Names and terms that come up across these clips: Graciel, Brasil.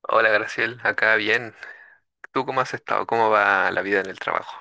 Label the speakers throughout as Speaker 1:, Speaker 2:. Speaker 1: Hola Graciel, acá bien. ¿Tú cómo has estado? ¿Cómo va la vida en el trabajo?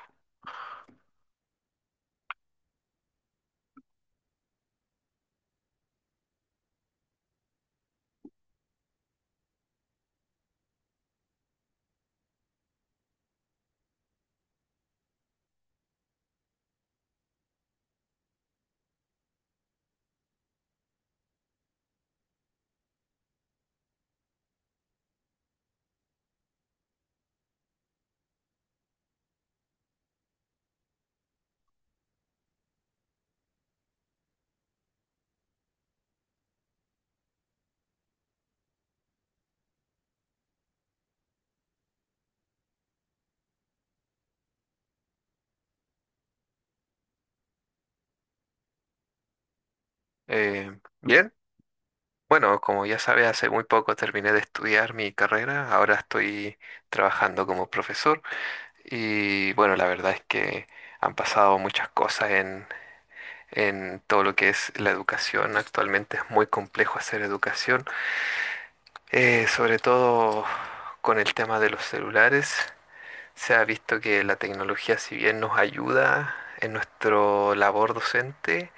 Speaker 1: Bien, bueno, como ya sabes, hace muy poco terminé de estudiar mi carrera, ahora estoy trabajando como profesor y bueno, la verdad es que han pasado muchas cosas en todo lo que es la educación. Actualmente es muy complejo hacer educación. Sobre todo con el tema de los celulares, se ha visto que la tecnología, si bien nos ayuda en nuestro labor docente,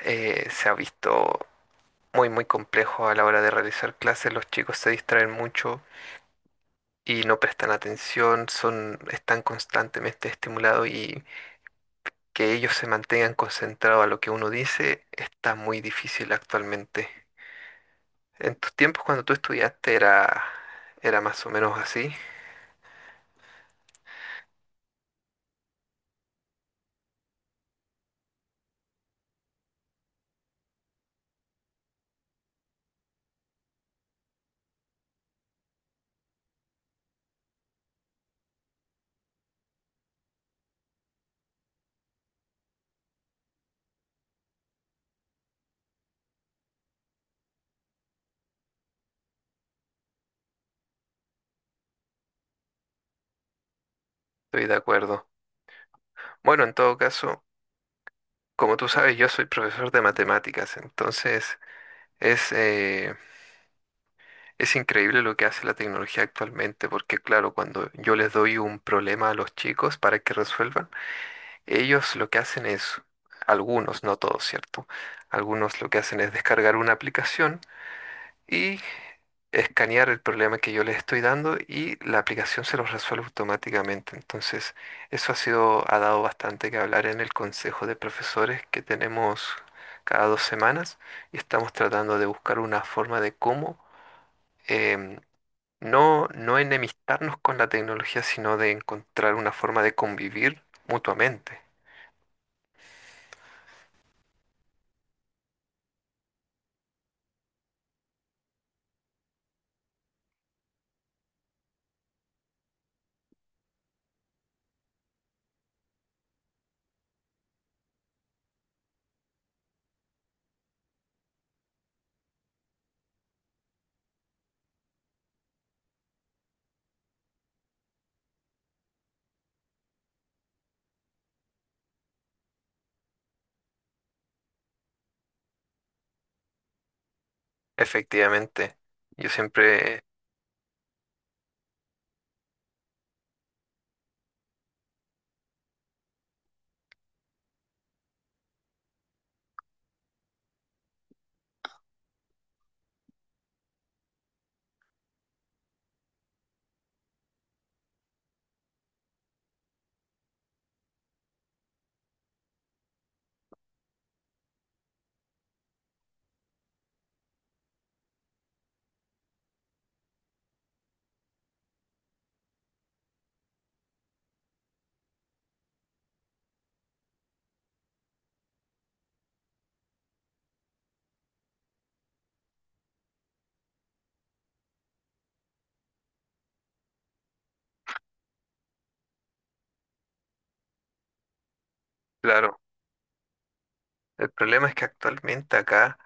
Speaker 1: se ha visto muy, muy complejo a la hora de realizar clases. Los chicos se distraen mucho y no prestan atención, son, están constantemente estimulados y que ellos se mantengan concentrados a lo que uno dice está muy difícil actualmente. En tus tiempos cuando tú estudiaste era, era más o menos así, estoy de acuerdo. Bueno, en todo caso, como tú sabes, yo soy profesor de matemáticas, entonces es, es increíble lo que hace la tecnología actualmente, porque claro, cuando yo les doy un problema a los chicos para que resuelvan, ellos lo que hacen es, algunos, no todos, ¿cierto? Algunos lo que hacen es descargar una aplicación y escanear el problema que yo les estoy dando y la aplicación se los resuelve automáticamente. Entonces, eso ha sido, ha dado bastante que hablar en el consejo de profesores que tenemos cada dos semanas y estamos tratando de buscar una forma de cómo em, no, no enemistarnos con la tecnología, sino de encontrar una forma de convivir mutuamente. Efectivamente, yo siempre, claro, el problema es que actualmente acá.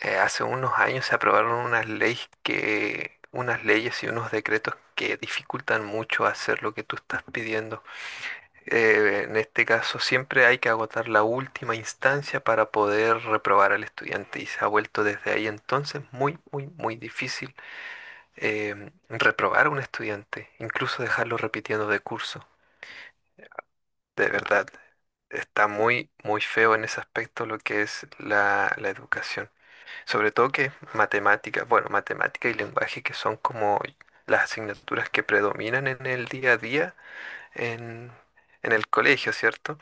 Speaker 1: Hace unos años se aprobaron unas leyes que, unas leyes y unos decretos que dificultan mucho hacer lo que tú estás pidiendo. En este caso, siempre hay que agotar la última instancia para poder reprobar al estudiante y se ha vuelto desde ahí entonces muy, muy, muy difícil reprobar a un estudiante, incluso dejarlo repitiendo de curso. De verdad, está muy, muy feo en ese aspecto lo que es la educación. Sobre todo que matemáticas, bueno, matemática y lenguaje que son como las asignaturas que predominan en el día a día en, en el colegio, ¿cierto?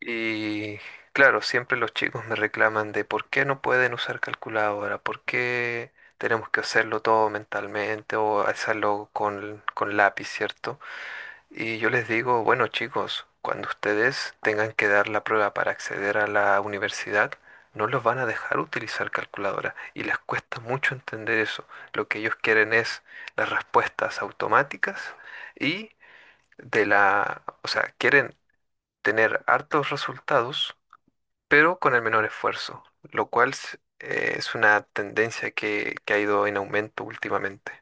Speaker 1: Y claro, siempre los chicos me reclaman de por qué no pueden usar calculadora, por qué tenemos que hacerlo todo mentalmente o hacerlo con lápiz, ¿cierto? Y yo les digo, bueno chicos, cuando ustedes tengan que dar la prueba para acceder a la universidad, no los van a dejar utilizar calculadora y les cuesta mucho entender eso. Lo que ellos quieren es las respuestas automáticas y de la, o sea, quieren tener hartos resultados, pero con el menor esfuerzo, lo cual es una tendencia que ha ido en aumento últimamente.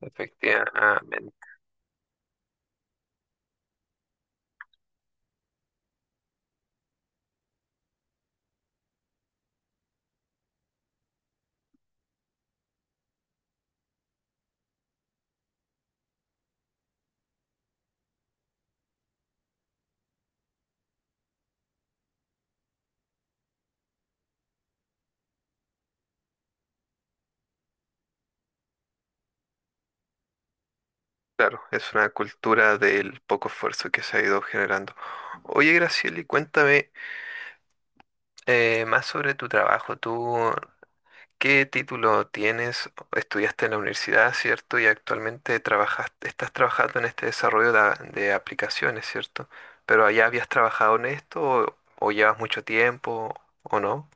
Speaker 1: Efectivamente. Claro, es una cultura del poco esfuerzo que se ha ido generando. Oye, Gracieli, cuéntame más sobre tu trabajo. ¿Tú qué título tienes? Estudiaste en la universidad, ¿cierto? Y actualmente trabajas, estás trabajando en este desarrollo de aplicaciones, ¿cierto? ¿Pero allá habías trabajado en esto o llevas mucho tiempo o no?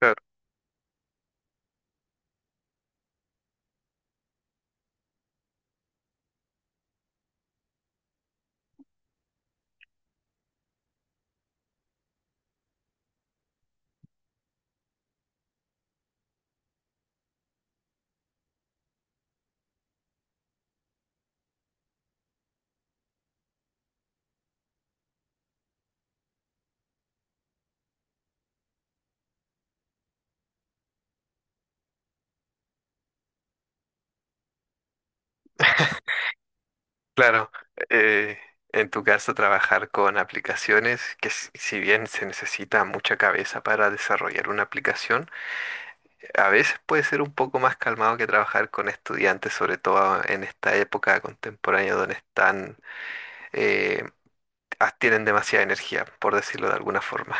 Speaker 1: Claro, claro. eh, en tu caso, trabajar con aplicaciones, que si bien se necesita mucha cabeza para desarrollar una aplicación, a veces puede ser un poco más calmado que trabajar con estudiantes, sobre todo en esta época contemporánea donde están, eh, tienen demasiada energía, por decirlo de alguna forma.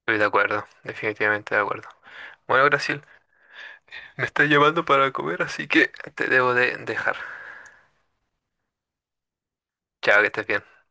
Speaker 1: Estoy de acuerdo, definitivamente de acuerdo. Bueno, Brasil, me está llamando para comer, así que te debo de dejar. Chao, que estés bien.